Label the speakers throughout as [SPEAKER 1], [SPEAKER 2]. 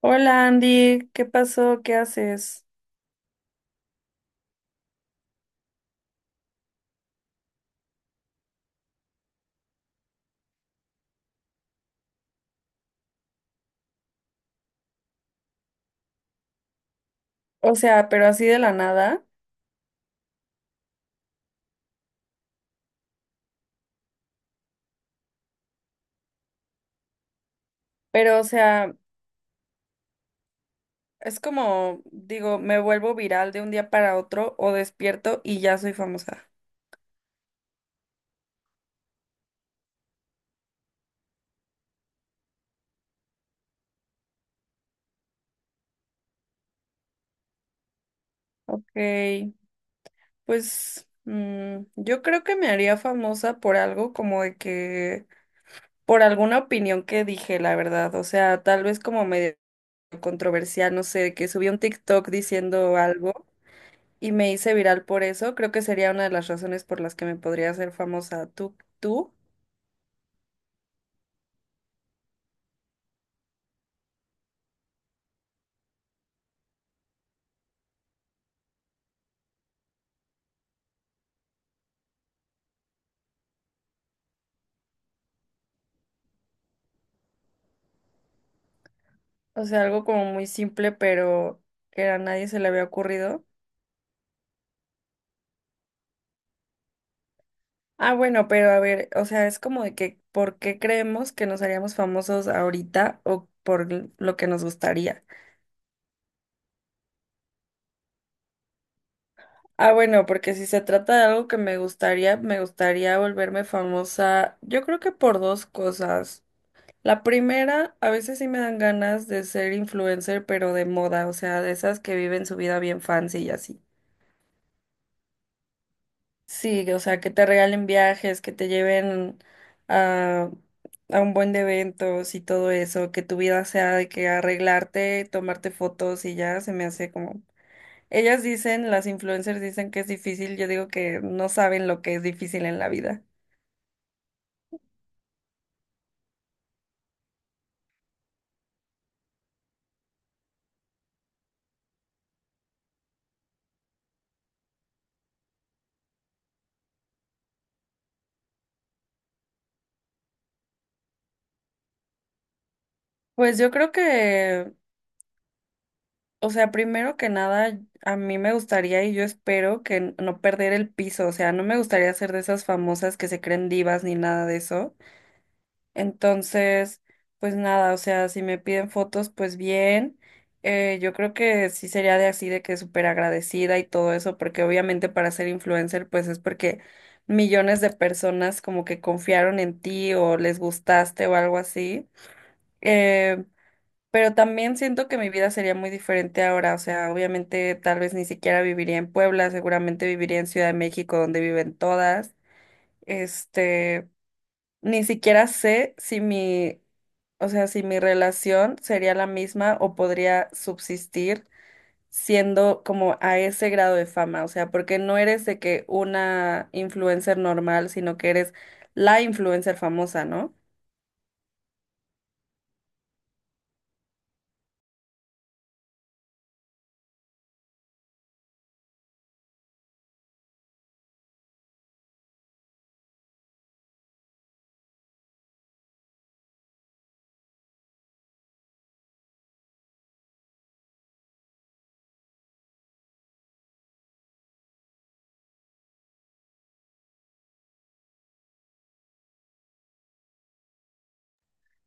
[SPEAKER 1] Hola Andy, ¿qué pasó? ¿Qué haces? O sea, pero así de la nada, pero o sea, es como, digo, me vuelvo viral de un día para otro o despierto y ya soy famosa. Ok, pues yo creo que me haría famosa por algo como de que, por alguna opinión que dije, la verdad, o sea, tal vez como medio controversial, no sé, que subí un TikTok diciendo algo. Y me hice viral por eso, creo que sería una de las razones por las que me podría hacer famosa tú, tú. O sea, algo como muy simple, pero que a nadie se le había ocurrido. Ah, bueno, pero a ver, o sea, es como de que, ¿por qué creemos que nos haríamos famosos ahorita o por lo que nos gustaría? Ah, bueno, porque si se trata de algo que me gustaría volverme famosa, yo creo que por dos cosas. La primera, a veces sí me dan ganas de ser influencer, pero de moda, o sea, de esas que viven su vida bien fancy y así. Sí, o sea, que te regalen viajes, que te lleven a, a un buen de eventos y todo eso, que tu vida sea de que arreglarte, tomarte fotos y ya se me hace como. Ellas dicen, las influencers dicen que es difícil, yo digo que no saben lo que es difícil en la vida. Pues yo creo que, o sea, primero que nada, a mí me gustaría y yo espero que no perder el piso, o sea, no me gustaría ser de esas famosas que se creen divas ni nada de eso. Entonces, pues nada, o sea, si me piden fotos, pues bien. Yo creo que sí sería de así, de que súper agradecida y todo eso, porque obviamente para ser influencer, pues es porque millones de personas como que confiaron en ti o les gustaste o algo así. Eh, pero también siento que mi vida sería muy diferente ahora, o sea, obviamente tal vez ni siquiera viviría en Puebla, seguramente viviría en Ciudad de México, donde viven todas. Este. Ni siquiera sé si mi, o sea, si mi relación sería la misma o podría subsistir siendo como a ese grado de fama, o sea, porque no eres de que una influencer normal, sino que eres la influencer famosa, ¿no?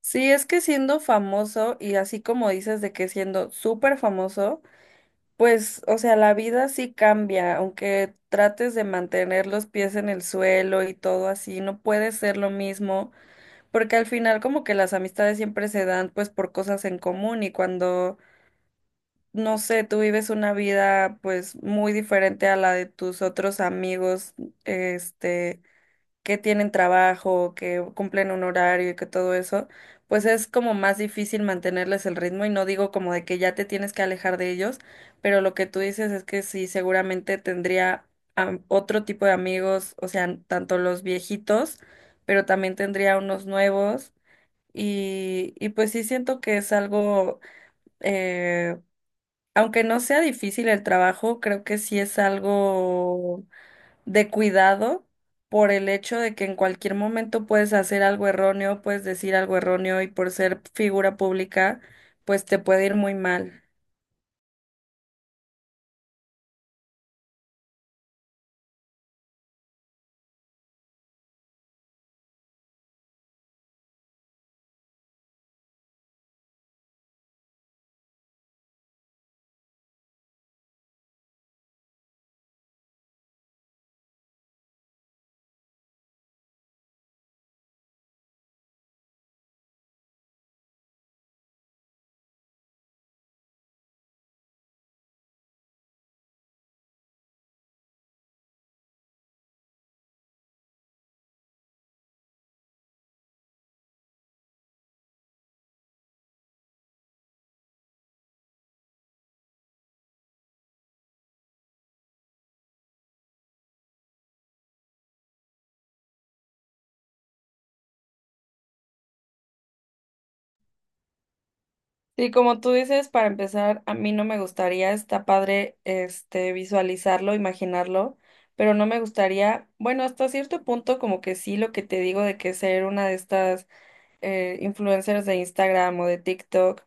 [SPEAKER 1] Sí, es que siendo famoso y así como dices de que siendo súper famoso, pues, o sea, la vida sí cambia, aunque trates de mantener los pies en el suelo y todo así, no puede ser lo mismo. Porque al final como que las amistades siempre se dan pues por cosas en común y cuando, no sé, tú vives una vida pues muy diferente a la de tus otros amigos, este, que tienen trabajo, que cumplen un horario y que todo eso, pues es como más difícil mantenerles el ritmo y no digo como de que ya te tienes que alejar de ellos, pero lo que tú dices es que sí, seguramente tendría otro tipo de amigos, o sea, tanto los viejitos, pero también tendría unos nuevos. Y pues sí siento que es algo, eh, aunque no sea difícil el trabajo, creo que sí es algo de cuidado por el hecho de que en cualquier momento puedes hacer algo erróneo, puedes decir algo erróneo y por ser figura pública, pues te puede ir muy mal. Sí, como tú dices, para empezar, a mí no me gustaría, está padre, visualizarlo, imaginarlo, pero no me gustaría, bueno, hasta cierto punto como que sí, lo que te digo de que ser una de estas influencers de Instagram o de TikTok,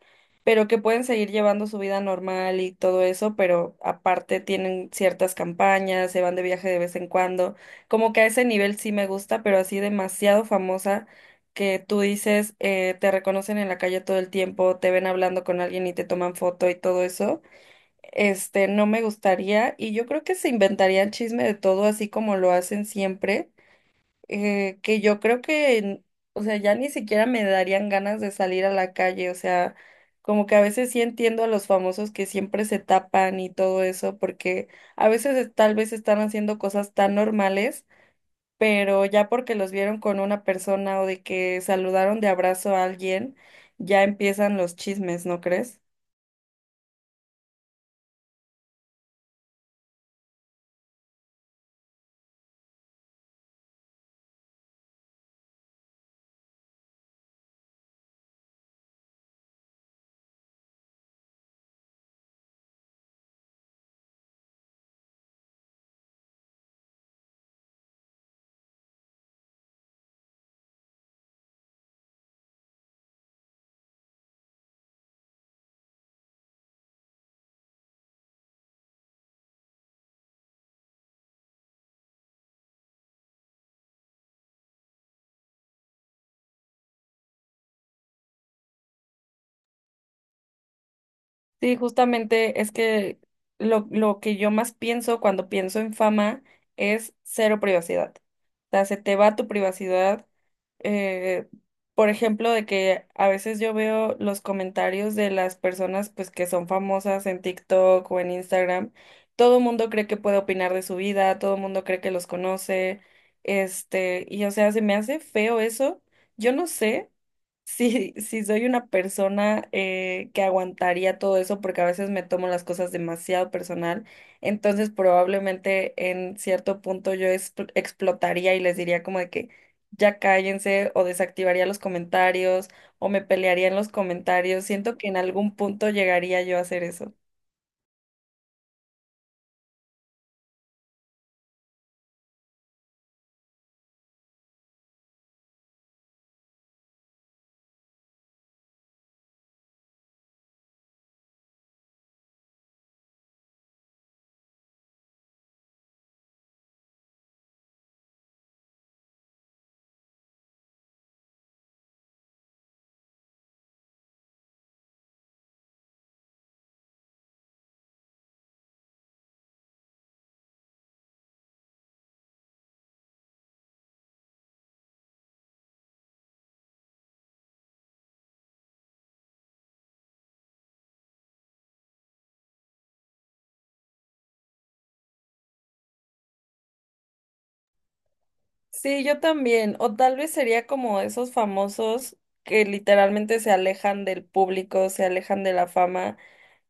[SPEAKER 1] pero que pueden seguir llevando su vida normal y todo eso, pero aparte tienen ciertas campañas, se van de viaje de vez en cuando. Como que a ese nivel sí me gusta, pero así demasiado famosa que tú dices, te reconocen en la calle todo el tiempo, te ven hablando con alguien y te toman foto y todo eso. Este, no me gustaría y yo creo que se inventarían chisme de todo así como lo hacen siempre, que yo creo que, o sea, ya ni siquiera me darían ganas de salir a la calle, o sea, como que a veces sí entiendo a los famosos que siempre se tapan y todo eso, porque a veces tal vez están haciendo cosas tan normales, pero ya porque los vieron con una persona o de que saludaron de abrazo a alguien, ya empiezan los chismes, ¿no crees? Sí, justamente es que lo que yo más pienso cuando pienso en fama es cero privacidad. O sea, se te va tu privacidad. eh, por ejemplo, de que a veces yo veo los comentarios de las personas pues que son famosas en TikTok o en Instagram. Todo el mundo cree que puede opinar de su vida, todo el mundo cree que los conoce. Y o sea, se me hace feo eso. Yo no sé. Sí, sí, soy una persona que aguantaría todo eso porque a veces me tomo las cosas demasiado personal, entonces probablemente en cierto punto yo explotaría y les diría como de que ya cállense o desactivaría los comentarios o me pelearía en los comentarios. Siento que en algún punto llegaría yo a hacer eso. Sí, yo también, o tal vez sería como esos famosos que literalmente se alejan del público, se alejan de la fama.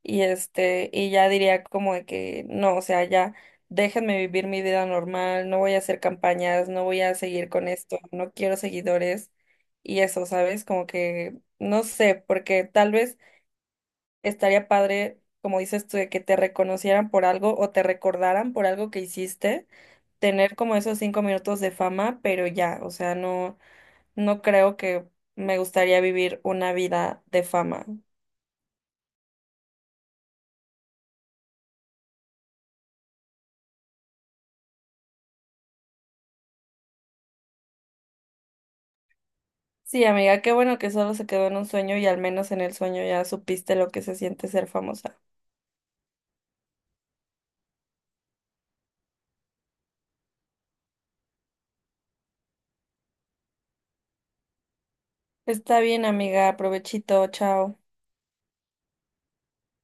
[SPEAKER 1] Y este, y ya diría como de que no, o sea, ya déjenme vivir mi vida normal, no voy a hacer campañas, no voy a seguir con esto, no quiero seguidores y eso, ¿sabes? Como que no sé, porque tal vez estaría padre, como dices tú, de que te reconocieran por algo o te recordaran por algo que hiciste, tener como esos 5 minutos de fama, pero ya, o sea, no, no creo que me gustaría vivir una vida de fama. Sí, amiga, qué bueno que solo se quedó en un sueño y al menos en el sueño ya supiste lo que se siente ser famosa. Está bien, amiga, provechito, chao.